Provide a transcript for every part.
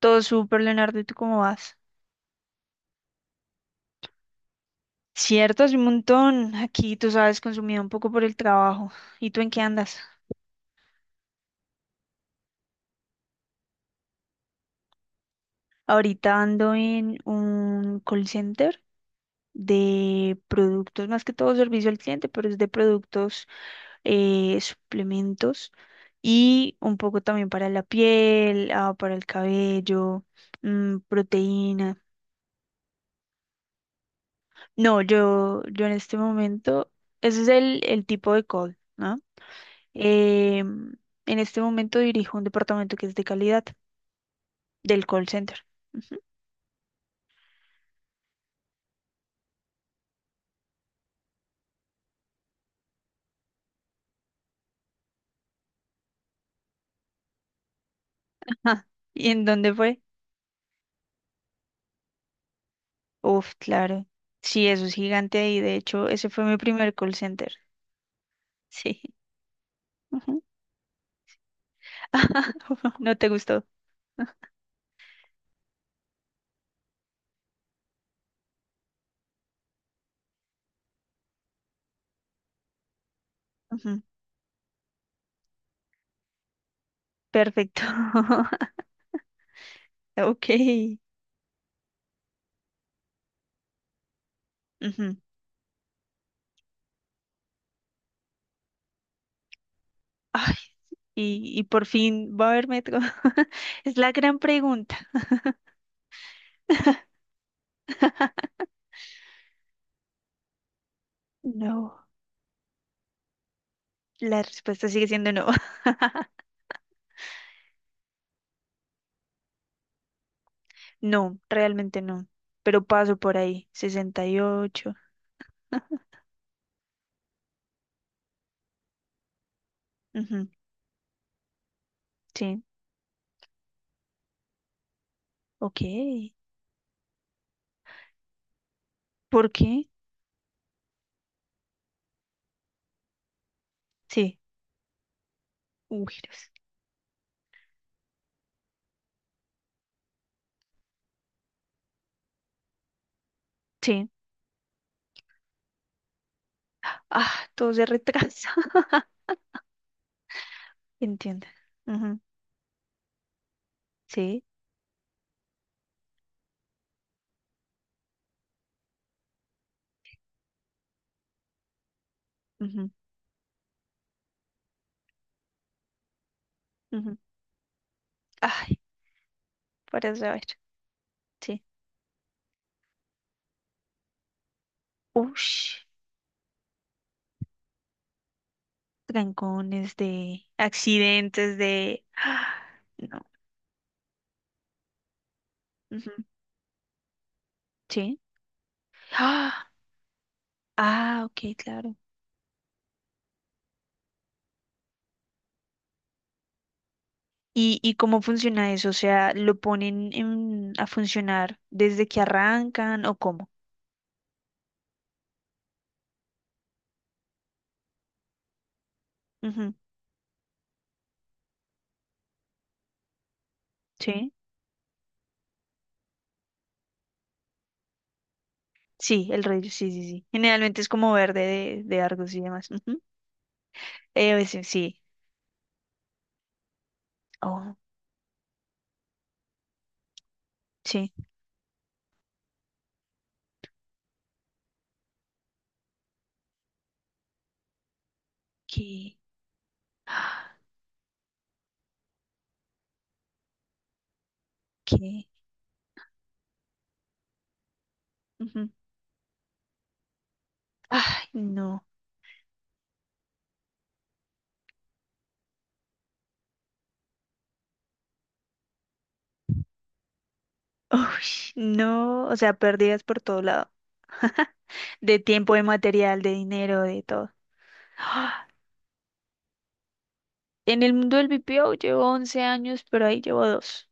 Todo súper, Leonardo, ¿y tú cómo vas? Cierto, hace un montón. Aquí, tú sabes, consumido un poco por el trabajo. ¿Y tú en qué andas? Ahorita ando en un call center de productos, más que todo servicio al cliente, pero es de productos, suplementos y un poco también para la piel, ah, para el cabello, mm, proteína. No, yo en este momento, ese es el tipo de call, ¿no? Eh, en este momento dirijo un departamento que es de calidad del call center. Ujú. Ah, ¿Y en dónde fue? Uf, claro. Sí, eso es gigante ahí. De hecho, ese fue mi primer call center. Sí. Ujú. No te gustó. Ujú. Perfecto. Ok. Ujú. Ah, y, ¿y por fin va a haber metro? Es la gran pregunta. No, la respuesta sigue siendo no. No, realmente no. Pero paso por ahí. 68. Ujú. Sí, ok. ¿Por qué? Sí, un virus. Sí. Ah, todo se retrasa. Entiendo. Ujú. Sí. Ujú, ujú. Ay, para saber. Sí. Ush, trancones de accidentes de. Ah, no. Ujú. Sí. Ah, ah, ok, claro. Y cómo funciona eso? O sea, ¿lo ponen en- a funcionar desde que arrancan o cómo? Ujú. Sí. Sí, el rey, sí, sí, sí. Generalmente es como verde de Argos y demás. Ujú. A veces sí. Oh, sí. ¿Qué? Ah, ¿qué? Ujú. Ay, no. Uy, no. O sea, pérdidas por todo lado. De tiempo, de material, de dinero, de todo. Ah, en el mundo del BPO llevo 11 años, pero ahí llevo 2.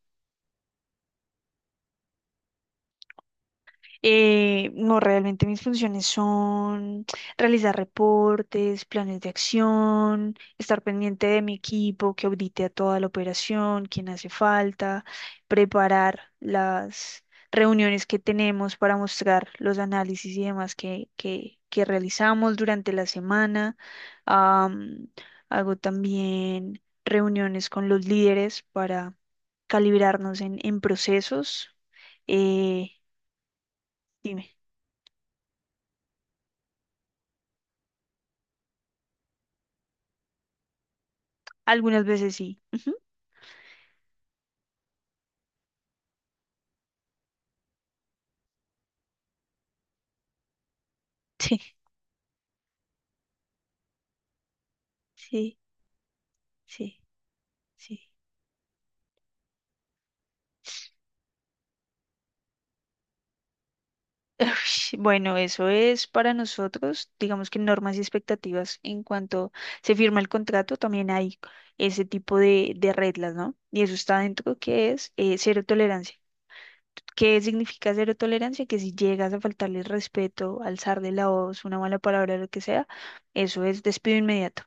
No, realmente mis funciones son realizar reportes, planes de acción, estar pendiente de mi equipo que audite a toda la operación, quién hace falta, preparar las reuniones que tenemos para mostrar los análisis y demás que realizamos durante la semana. Am, Hago también reuniones con los líderes para calibrarnos en procesos. Eh, Dime. Algunas veces sí. Ujú. Sí, sí, sí, sí. Ush, bueno, eso es para nosotros, digamos que normas y expectativas en cuanto se firma el contrato, también hay ese tipo de reglas, ¿no? Y eso está dentro que es cero tolerancia. ¿Qué significa cero tolerancia? Que si llegas a faltarle el respeto, alzar de la voz, una mala palabra, lo que sea, eso es despido inmediato.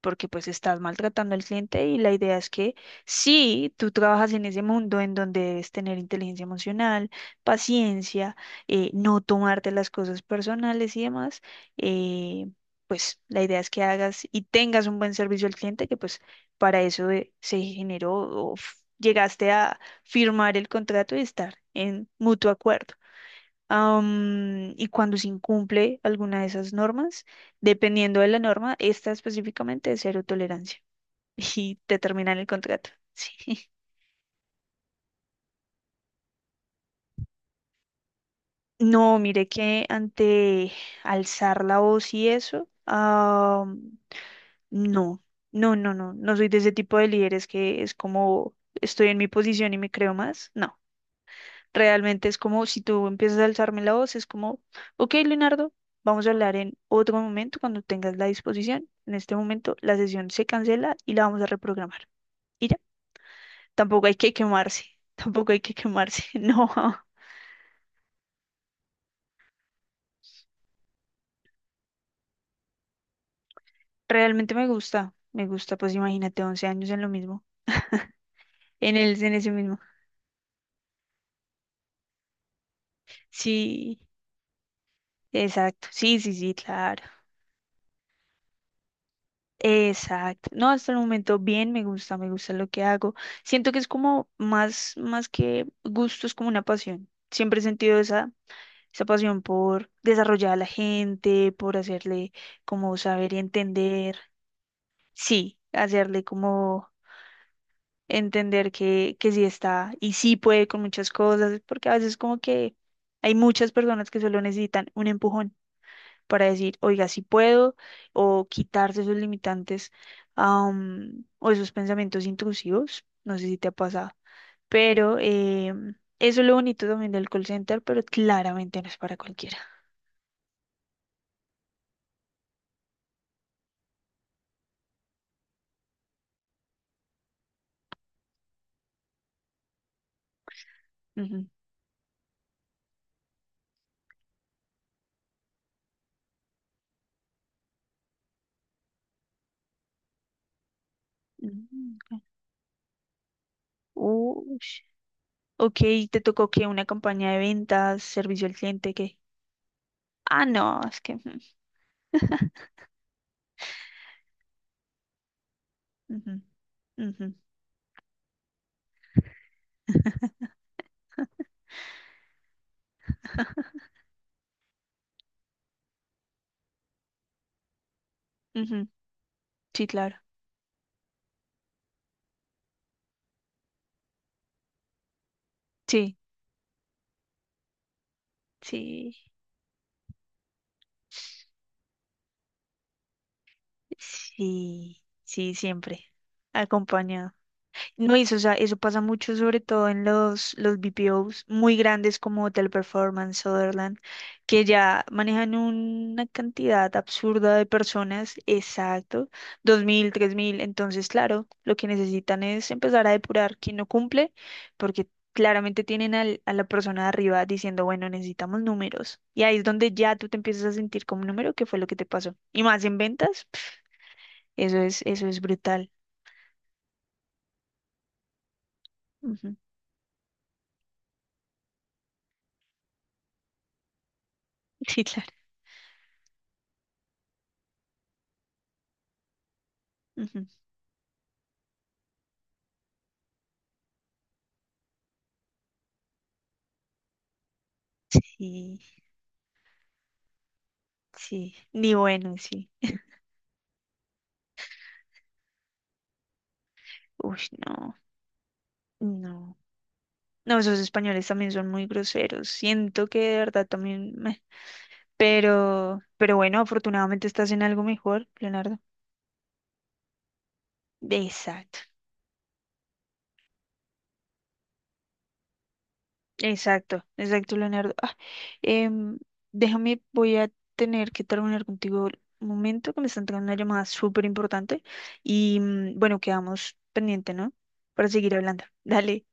Porque pues estás maltratando al cliente y la idea es que sí, tú trabajas en ese mundo en donde debes tener inteligencia emocional, paciencia, no tomarte las cosas personales y demás, eh, pues la idea es que hagas y tengas un buen servicio al cliente, que pues para eso se generó o f- llegaste a firmar el contrato y estar en mutuo acuerdo. Y cuando se incumple alguna de esas normas, dependiendo de la norma, esta específicamente es cero tolerancia y te terminan el contrato. Sí. No, mire que ante alzar la voz y eso, no, no, no, no, no soy de ese tipo de líderes que es como estoy en mi posición y me creo más. No. Realmente es como si tú empiezas a alzarme la voz, es como, ok, Leonardo, vamos a hablar en otro momento cuando tengas la disposición. En este momento la sesión se cancela y la vamos a reprogramar. Y ya, tampoco hay que quemarse, tampoco hay que quemarse, no. Realmente me gusta, pues imagínate 11 años en lo mismo, en el, en ese mismo. Sí, exacto, sí, sí, sí, claro. Exacto. No, hasta el momento bien, me gusta lo que hago. Siento que es como más, más que gusto, es como una pasión. Siempre he sentido esa, esa pasión por desarrollar a la gente, por hacerle como saber y entender. Sí, hacerle como entender que sí está y sí puede con muchas cosas, porque a veces como que hay muchas personas que solo necesitan un empujón para decir, oiga, sí puedo, o quitarse esos limitantes o esos pensamientos intrusivos. No sé si te ha pasado, pero eso es lo bonito también del call center, pero claramente no es para cualquiera. Ujú. Mm, ok. Ush. Ok, te tocó que una campaña de ventas, servicio al cliente, que, ah, no, es que, mm, ujú, ujú, ujú. Sí, claro, sí, sí, sí, sí, siempre, acompañado. No, eso, o sea, eso pasa mucho, sobre todo en los BPOs muy grandes como Hotel Performance, Sutherland, que ya manejan una cantidad absurda de personas, exacto, 2000 3000. Entonces, claro, lo que necesitan es empezar a depurar quién no cumple, porque claramente tienen al- a la persona de arriba diciendo, bueno, necesitamos números. Y ahí es donde ya tú te empiezas a sentir como un número, que fue lo que te pasó. Y más en ventas, eso es brutal. Ujú. Sí, claro. Ujú. Sí. Sí, ni bueno, sí. Uy, no, no. No, esos españoles también son muy groseros. Siento que de verdad también meh. Pero bueno, afortunadamente estás en algo mejor, Leonardo. Exacto, exacto, Leonardo. Ah, em, déjame, voy a tener que terminar contigo un momento, que me están entrando una llamada súper importante. Y mm, bueno, quedamos pendiente, ¿no? Para seguir hablando. Dale,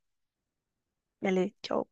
dale, chao.